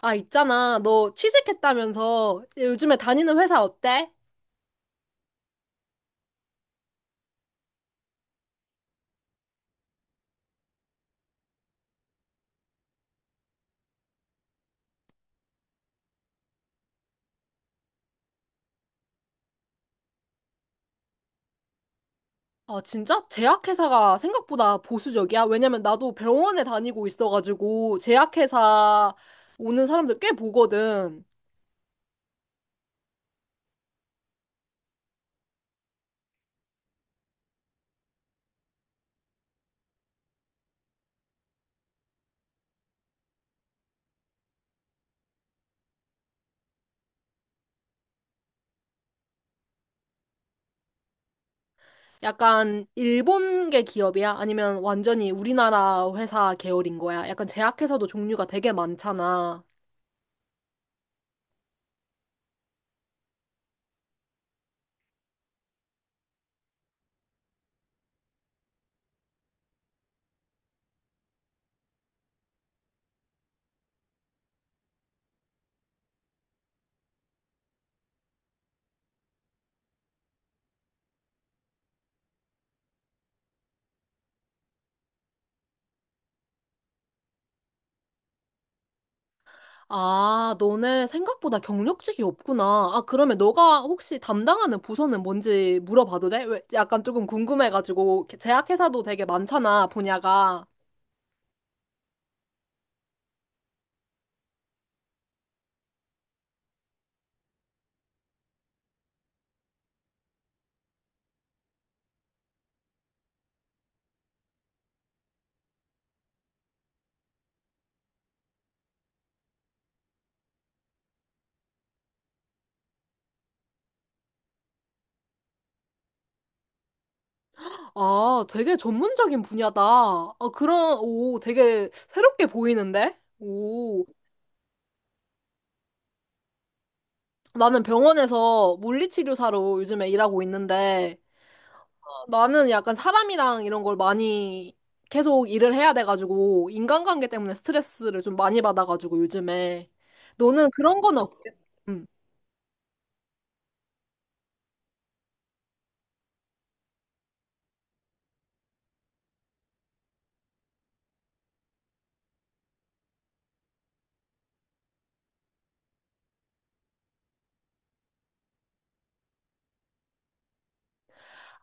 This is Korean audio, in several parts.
아, 있잖아. 너 취직했다면서 요즘에 다니는 회사 어때? 아, 진짜? 제약회사가 생각보다 보수적이야? 왜냐면 나도 병원에 다니고 있어가지고 제약회사 오는 사람들 꽤 보거든. 약간 일본계 기업이야? 아니면 완전히 우리나라 회사 계열인 거야? 약간 제약회사도 종류가 되게 많잖아. 아, 너네 생각보다 경력직이 없구나. 아, 그러면 너가 혹시 담당하는 부서는 뭔지 물어봐도 돼? 왜 약간 조금 궁금해가지고 제약회사도 되게 많잖아, 분야가. 아, 되게 전문적인 분야다. 아, 그런, 오, 되게 새롭게 보이는데? 오. 나는 병원에서 물리치료사로 요즘에 일하고 있는데, 나는 약간 사람이랑 이런 걸 많이 계속 일을 해야 돼가지고, 인간관계 때문에 스트레스를 좀 많이 받아가지고, 요즘에. 너는 그런 건 없겠, 음.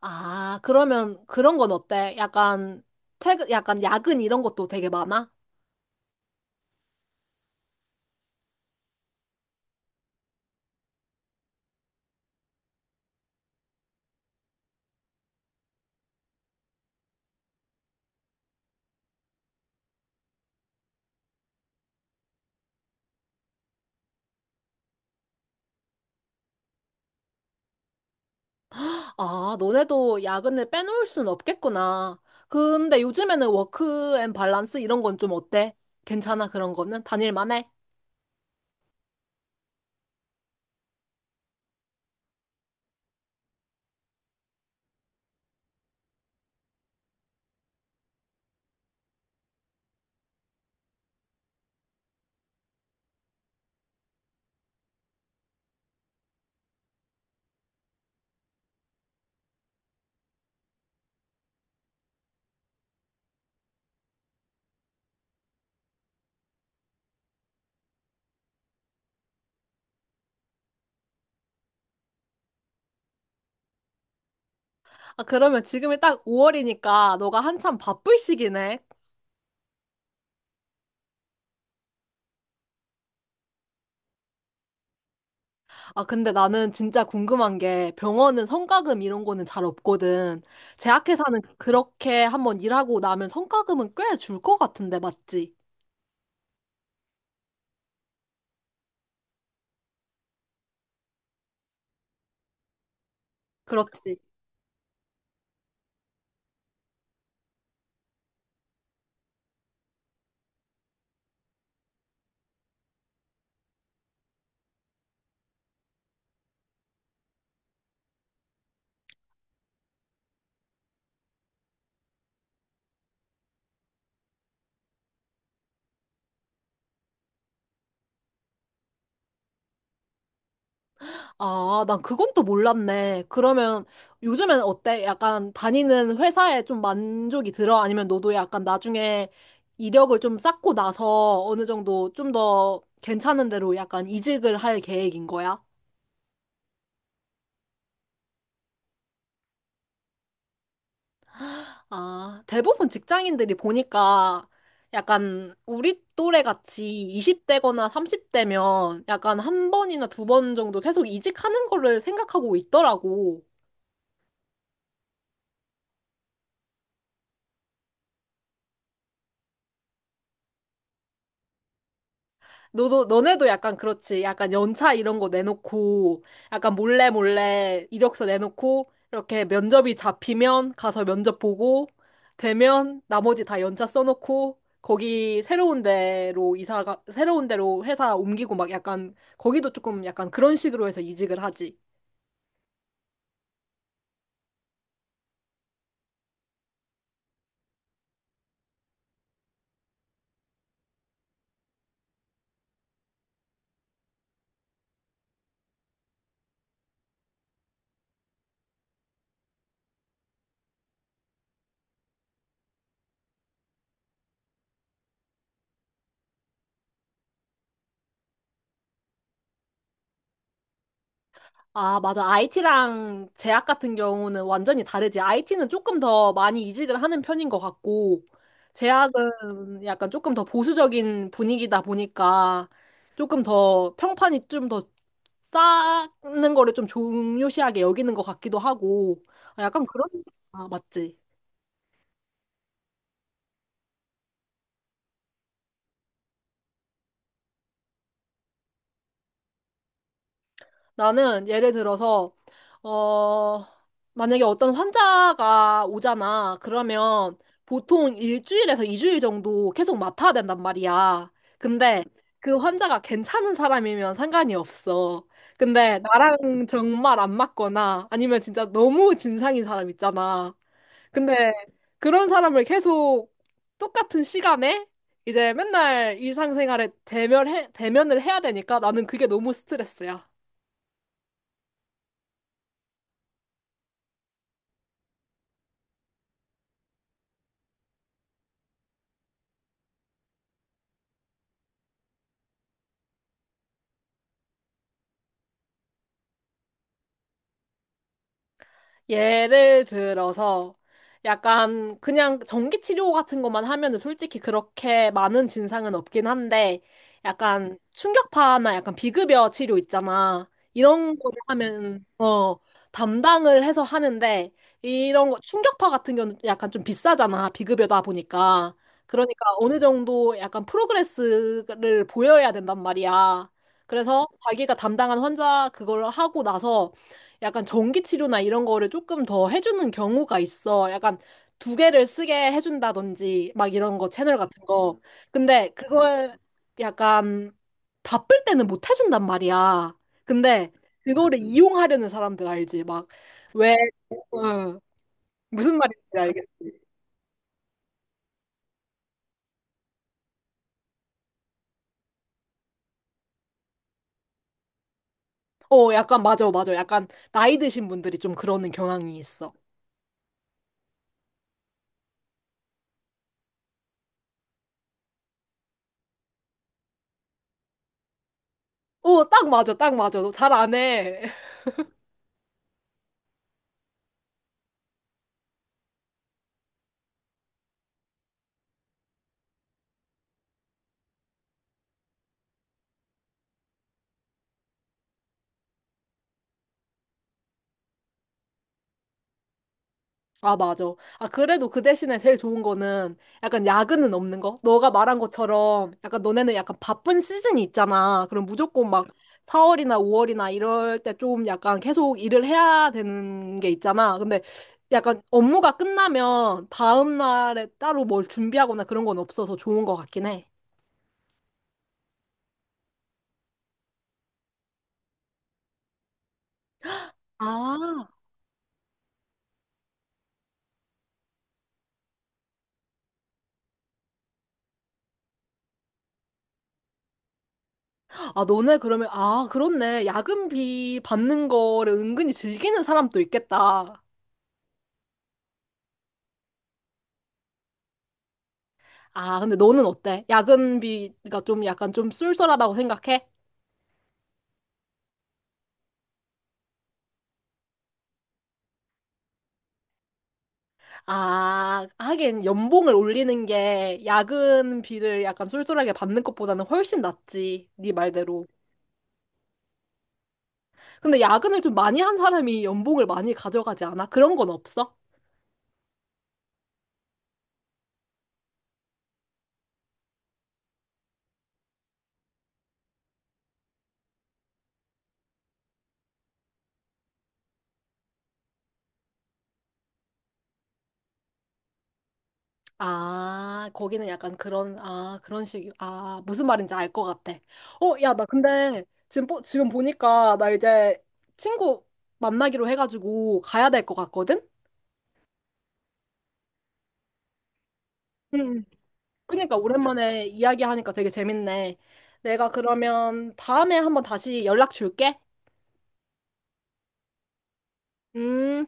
아, 그러면 그런 건 어때? 약간, 퇴근, 약간 야근 이런 것도 되게 많아? 아, 너네도 야근을 빼놓을 순 없겠구나. 근데 요즘에는 워크 앤 밸런스 이런 건 좀 어때? 괜찮아, 그런 거는? 다닐만 해? 아, 그러면 지금이 딱 5월이니까 너가 한참 바쁠 시기네. 아, 근데 나는 진짜 궁금한 게 병원은 성과금 이런 거는 잘 없거든. 제약회사는 그렇게 한번 일하고 나면 성과금은 꽤 줄 것 같은데, 맞지? 그렇지. 아, 난 그건 또 몰랐네. 그러면 요즘엔 어때? 약간 다니는 회사에 좀 만족이 들어? 아니면 너도 약간 나중에 이력을 좀 쌓고 나서 어느 정도 좀 더 괜찮은 데로 약간 이직을 할 계획인 거야? 아, 대부분 직장인들이 보니까 약간 우리 또래 같이 20대거나 30대면 약간 한 번이나 두 번 정도 계속 이직하는 거를 생각하고 있더라고. 너도, 너네도 약간 그렇지. 약간 연차 이런 거 내놓고, 약간 몰래 몰래 이력서 내놓고, 이렇게 면접이 잡히면 가서 면접 보고, 되면 나머지 다 연차 써놓고, 거기 새로운 데로 이사가, 새로운 데로 회사 옮기고 막 약간, 거기도 조금 약간 그런 식으로 해서 이직을 하지. 아, 맞아. IT랑 제약 같은 경우는 완전히 다르지. IT는 조금 더 많이 이직을 하는 편인 것 같고, 제약은 약간 조금 더 보수적인 분위기다 보니까 조금 더 평판이 좀 더 쌓는 거를 좀 중요시하게 여기는 것 같기도 하고, 아, 약간 그런, 아, 맞지. 나는 예를 들어서, 어, 만약에 어떤 환자가 오잖아. 그러면 보통 일주일에서 이주일 정도 계속 맡아야 된단 말이야. 근데 그 환자가 괜찮은 사람이면 상관이 없어. 근데 나랑 정말 안 맞거나 아니면 진짜 너무 진상인 사람 있잖아. 근데 그런 사람을 계속 똑같은 시간에 이제 맨날 일상생활에 대면을 해야 되니까 나는 그게 너무 스트레스야. 예를 들어서 약간 그냥 전기 치료 같은 것만 하면은 솔직히 그렇게 많은 진상은 없긴 한데 약간 충격파나 약간 비급여 치료 있잖아. 이런 거를 하면 어 담당을 해서 하는데 이런 거 충격파 같은 경우는 약간 좀 비싸잖아. 비급여다 보니까. 그러니까 어느 정도 약간 프로그레스를 보여야 된단 말이야. 그래서 자기가 담당한 환자 그걸 하고 나서 약간 전기치료나 이런 거를 조금 더 해주는 경우가 있어. 약간 두 개를 쓰게 해준다든지 막 이런 거 채널 같은 거. 근데 그걸 약간 바쁠 때는 못 해준단 말이야. 근데 그거를 이용하려는 사람들 알지? 막 왜, 어, 무슨 말인지 알겠지? 어, 약간 맞아, 맞아. 약간 나이 드신 분들이 좀 그러는 경향이 있어. 어, 딱 맞아, 딱 맞아. 너 잘 안 해. 아, 맞아. 아, 그래도 그 대신에 제일 좋은 거는 약간 야근은 없는 거? 너가 말한 것처럼 약간 너네는 약간 바쁜 시즌이 있잖아. 그럼 무조건 막 4월이나 5월이나 이럴 때 좀 약간 계속 일을 해야 되는 게 있잖아. 근데 약간 업무가 끝나면 다음 날에 따로 뭘 준비하거나 그런 건 없어서 좋은 것 같긴 해. 아, 아, 너네 그러면, 아, 그렇네. 야근비 받는 거를 은근히 즐기는 사람도 있겠다. 아, 근데 너는 어때? 야근비가 좀 약간 좀 쏠쏠하다고 생각해? 아, 하긴 연봉을 올리는 게 야근비를 약간 쏠쏠하게 받는 것보다는 훨씬 낫지. 네 말대로. 근데 야근을 좀 많이 한 사람이 연봉을 많이 가져가지 않아? 그런 건 없어? 아, 거기는 약간 그런, 아, 그런 식, 아, 무슨 말인지 알 것 같아. 어, 야, 나 근데 지금 보니까 나 이제 친구 만나기로 해가지고 가야 될 것 같거든? 응, 응. 그러니까 오랜만에 이야기하니까 되게 재밌네. 내가 그러면 다음에 한번 다시 연락 줄게. 음.